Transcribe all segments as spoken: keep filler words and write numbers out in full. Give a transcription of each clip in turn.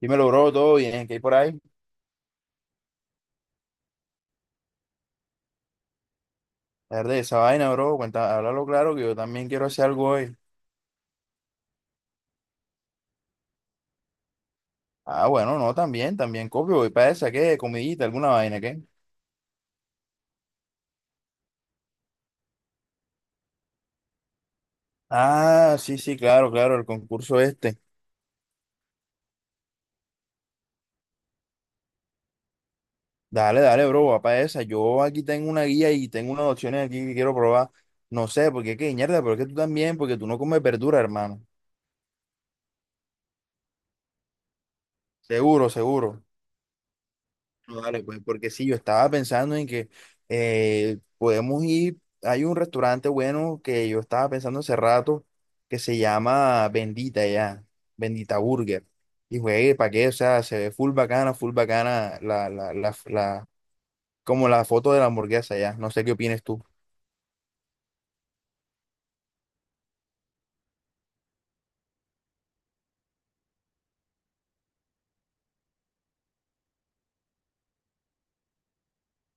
Dímelo, bro, todo bien, ¿qué hay por ahí? verde esa vaina, bro, cuenta, háblalo claro que yo también quiero hacer algo hoy. Ah, bueno, no, también, también copio, voy para esa, ¿qué? Comidita, alguna vaina, ¿qué? Ah, sí, sí, claro, claro, el concurso este. Dale, dale, bro, va para esa. Yo aquí tengo una guía y tengo unas opciones aquí que quiero probar. No sé, porque qué, mierda, pero es que tú también, porque tú no comes verdura, hermano. Seguro, seguro. No, Dale, pues, porque sí, yo estaba pensando en que eh, podemos ir, hay un restaurante bueno que yo estaba pensando hace rato que se llama Bendita ya, Bendita Burger. Y juegue, ¿para qué? O sea, se ve full bacana, full bacana la, la, la, la- como la foto de la hamburguesa ya. No sé qué opines tú.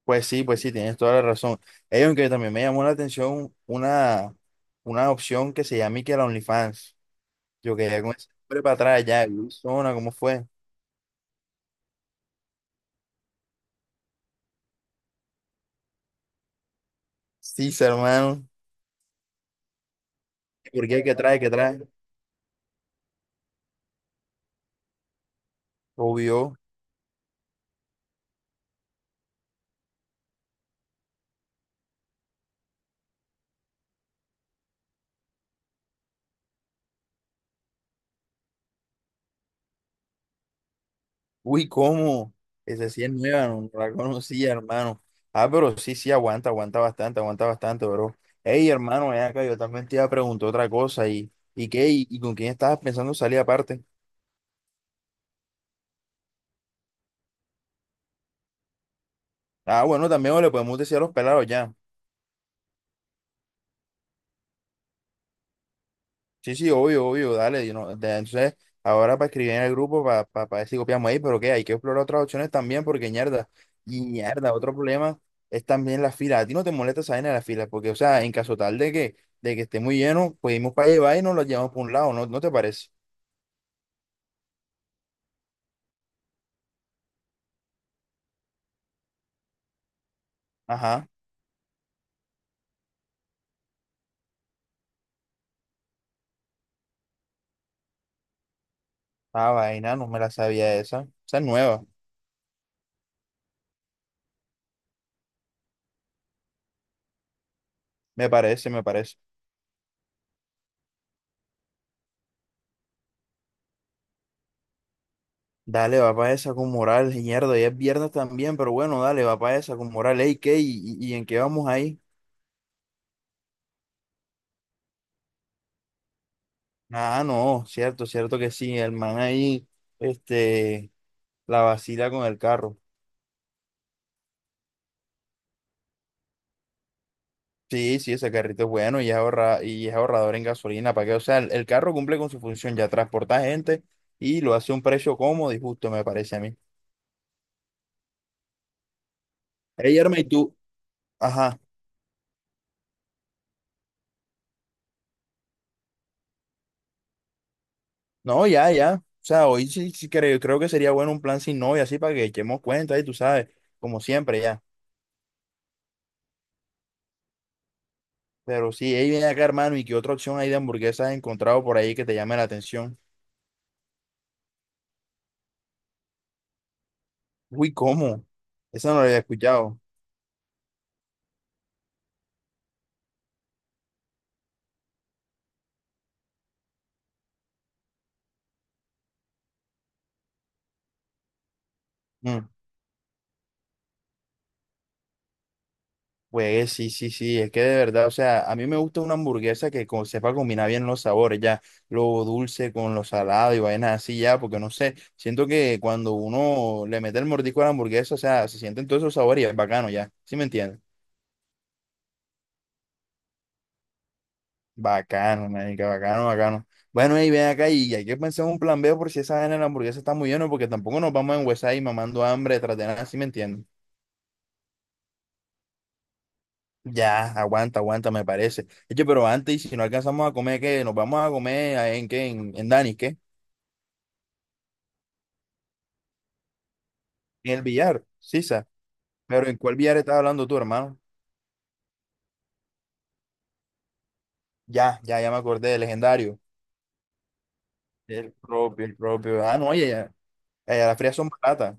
Pues sí, pues sí, tienes toda la razón. ellos aunque también me llamó la atención una, una opción que se llama y que la OnlyFans. Yo quería con ese nombre para atrás ya, Luisona, ¿cómo fue? Sí, hermano. ¿Por qué? ¿Qué trae? ¿Qué trae? Obvio. Uy, ¿cómo? Esa sí es nueva, no no la conocía, hermano. Ah, pero sí, sí, aguanta, aguanta bastante, aguanta bastante, bro. Ey, hermano, ven acá, yo también te iba a preguntar otra cosa. ¿Y, y qué? ¿Y, y con quién estabas pensando salir aparte? Ah, bueno, también le podemos decir a los pelados ya. Sí, sí, obvio, obvio, dale. Y no- de- entonces, ahora para escribir en el grupo, para pa, pa- pa ver si copiamos ahí, pero qué, hay que explorar otras opciones también, porque ñerda, y ñerda, otro problema es también la fila. A ti no te molesta esa vaina de la fila, porque, o sea, en caso tal de que, de que esté muy lleno, pues irnos para llevar y nos lo llevamos por un lado, ¿no, no te parece? Ajá, ah, vaina, no me la sabía esa. Esa es nueva, me parece, me parece. Dale, va para esa con moral, ñerda, ya es viernes también, pero bueno, dale, va para esa con moral, ey, ¿qué? ¿Y, y y en qué vamos ahí? Ah, no, cierto, cierto que sí. El man ahí, este, la vacila con el carro. Sí, sí, ese carrito es bueno y es ahorra, y es ahorrador en gasolina, ¿para que? O sea, el, el carro cumple con su función, ya transporta gente y lo hace a un precio cómodo y justo, me parece a mí. Ey, Erma, y tú, ajá, no, ya, ya. O sea, hoy sí, sí creo, creo que sería bueno un plan sin novia, así para que echemos cuenta y tú sabes, como siempre, ya. Pero sí, ahí viene acá, hermano, y qué otra opción hay de hamburguesas has encontrado por ahí que te llame la atención. Uy, ¿cómo? Esa no la había escuchado. Mm, Pues sí, sí, sí, es que de verdad, o sea, a mí me gusta una hamburguesa que co- sepa combinar bien los sabores, ya, lo dulce con lo salado y vainas así, ya, porque no sé, siento que cuando uno le mete el mordisco a la hamburguesa, o sea, se sienten todos esos sabores y es bacano, ya, ¿sí me entiendes? Bacano, marica, bacano, bacano. Bueno, y ven acá y hay que pensar un plan B por si esa vaina de la hamburguesa está muy llena, porque tampoco nos vamos a enguesar y mamando hambre tras de nada, ¿sí me entiendes? Ya, aguanta, aguanta, me parece. Oye, pero antes, y si no alcanzamos a comer, ¿qué? ¿Nos vamos a comer a- en qué? ¿En, en Dani, qué? En el billar, Sisa. Pero ¿en cuál billar estás hablando tú, hermano? Ya, ya, ya me acordé, el legendario. El propio, el propio. Ah, no, oye, ya. ya, ya las frías son baratas.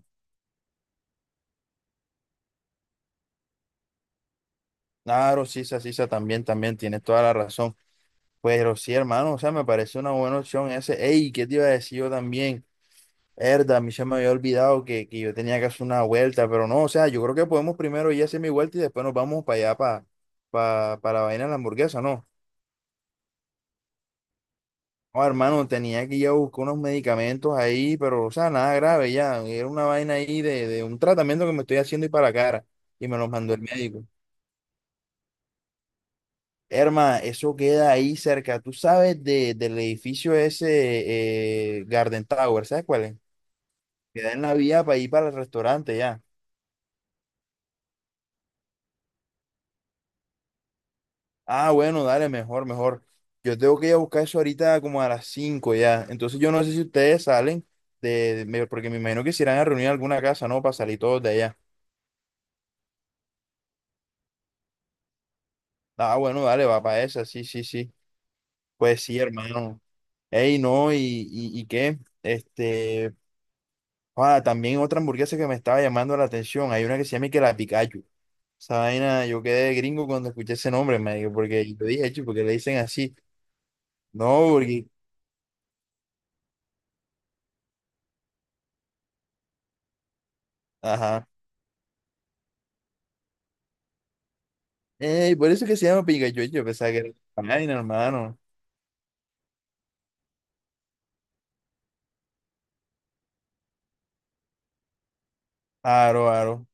Claro, Sisa, Sisa, también, también, tienes toda la razón. Pero sí, hermano, o sea, me parece una buena opción ese. Ey, ¿qué te iba a decir yo también? Verdad, a mí se me había olvidado que, que yo tenía que hacer una vuelta, pero no, o sea, yo creo que podemos primero ir a hacer mi vuelta y después nos vamos para allá, para, para, para la vaina de la hamburguesa, ¿no? Oh, hermano, tenía que ir a buscar unos medicamentos ahí, pero, o sea, nada grave ya, era una vaina ahí de, de un tratamiento que me estoy haciendo y para la cara, y me los mandó el médico. Herma, eso queda ahí cerca, tú sabes de, del edificio ese, eh, Garden Tower, ¿sabes cuál es? Queda en la vía para ir para el restaurante ya. Ah, bueno, dale, mejor, mejor. Yo tengo que ir a buscar eso ahorita como a las cinco ya. Entonces yo no sé si ustedes salen de, me- porque me imagino que se irán a reunir en alguna casa, ¿no? Para salir todos de allá. Ah, bueno, dale, va para esa, sí, sí, sí. Pues sí, hermano. Ey, no, y, y, y qué, este, ah, también otra hamburguesa que me estaba llamando la atención. Hay una que se llama y que la Pikachu. Esa vaina, yo quedé gringo cuando escuché ese nombre, me porque yo dije, "Chu, ¿por qué le dicen así?" No, porque, ajá. Ey, por eso es que se llama Pikachu, yo pensaba que era otra vaina, hermano. Aro, aro.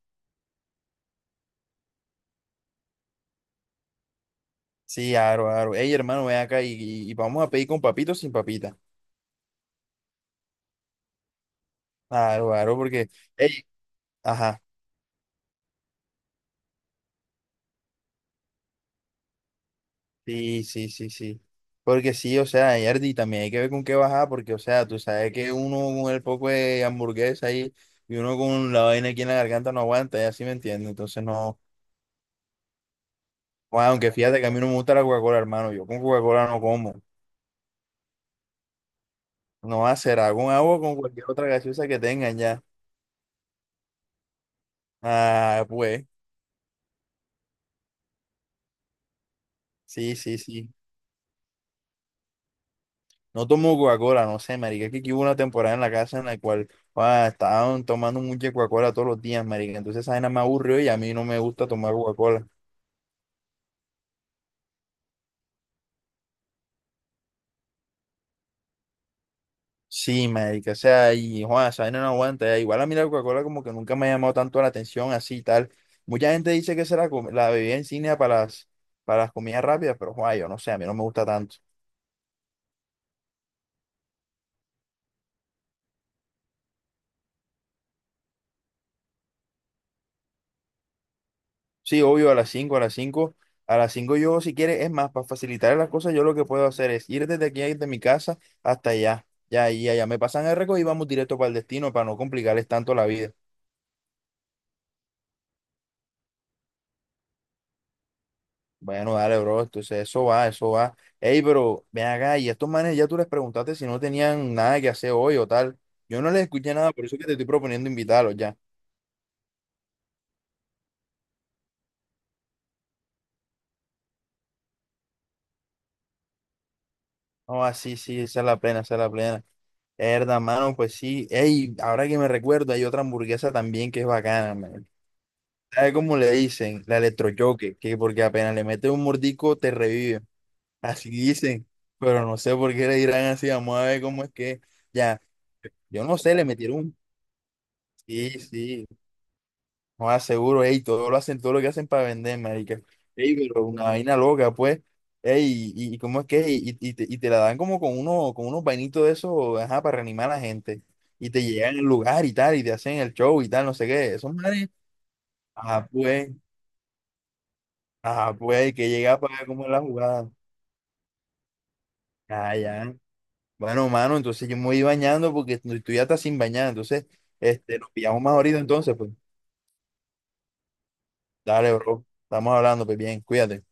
Sí, aro, aro. Ey, hermano, ven acá y, y- y vamos a pedir con papito o sin papita. Aro, aro, porque. Ey, ajá. Sí, sí, sí, sí. Porque sí, o sea, Yardi, también hay que ver con qué bajar, porque, o sea, tú sabes que uno con el poco de hamburguesa ahí y uno con la vaina aquí en la garganta no aguanta, ya sí me entiende. Entonces, no. Bueno, aunque fíjate que a mí no me gusta la Coca-Cola, hermano. Yo con Coca-Cola no como. No va a ser, con agua o con cualquier otra gaseosa que tengan ya. Ah, pues, sí, sí, sí. No tomo Coca-Cola, no sé, marica. Es que aquí hubo una temporada en la casa en la cual ah, estaban tomando mucha Coca-Cola todos los días, marica. Entonces esa vaina me aburrió y a mí no me gusta tomar Coca-Cola. Sí, marica, o sea, y Juan, esa vaina no aguanta, ya. Igual a mí la Coca-Cola como que nunca me ha llamado tanto la atención, así y tal. Mucha gente dice que será la, com- la bebida insignia para las, para las comidas rápidas, pero Juan, yo no sé, a mí no me gusta tanto. Sí, obvio, a las cinco a las cinco A las cinco yo, si quieres, es más, para facilitar las cosas, yo lo que puedo hacer es ir desde aquí, desde mi casa hasta allá. Ya, y allá me pasan el récord y vamos directo para el destino para no complicarles tanto la vida. Bueno, dale, bro, entonces eso va, eso va. Ey, pero ven acá, y a estos manes ya tú les preguntaste si no tenían nada que hacer hoy o tal. Yo no les escuché nada, por eso que te estoy proponiendo invitarlos ya. oh ah, sí, sí, esa es la plena, esa es la plena. Herda, mano, pues sí. Ey, ahora que me recuerdo, hay otra hamburguesa también que es bacana, man. ¿Sabe cómo le dicen? La electrochoque, que porque apenas le meten un mordico te revive. Así dicen, pero no sé por qué le dirán así, vamos a ver cómo es que. Ya, yo no sé, le metieron un. Sí, sí, no aseguro, ey, todo lo hacen, todo lo que hacen para vender, marica. Ey, pero una vaina loca, pues. Ey, y, y cómo es que, y, y te, y te la dan como con uno, con unos vainitos de esos, ajá, para reanimar a la gente. Y te llegan al lugar y tal, y te hacen el show y tal, no sé qué. Esos manes, ajá, pues. Ah, pues hay que llegar para ver cómo es la jugada. Ah, ya. Bueno, mano, entonces yo me voy bañando porque tú tú ya estás sin bañar. Entonces, este, nos pillamos más ahorita entonces, pues. Dale, bro. Estamos hablando, pues bien, cuídate.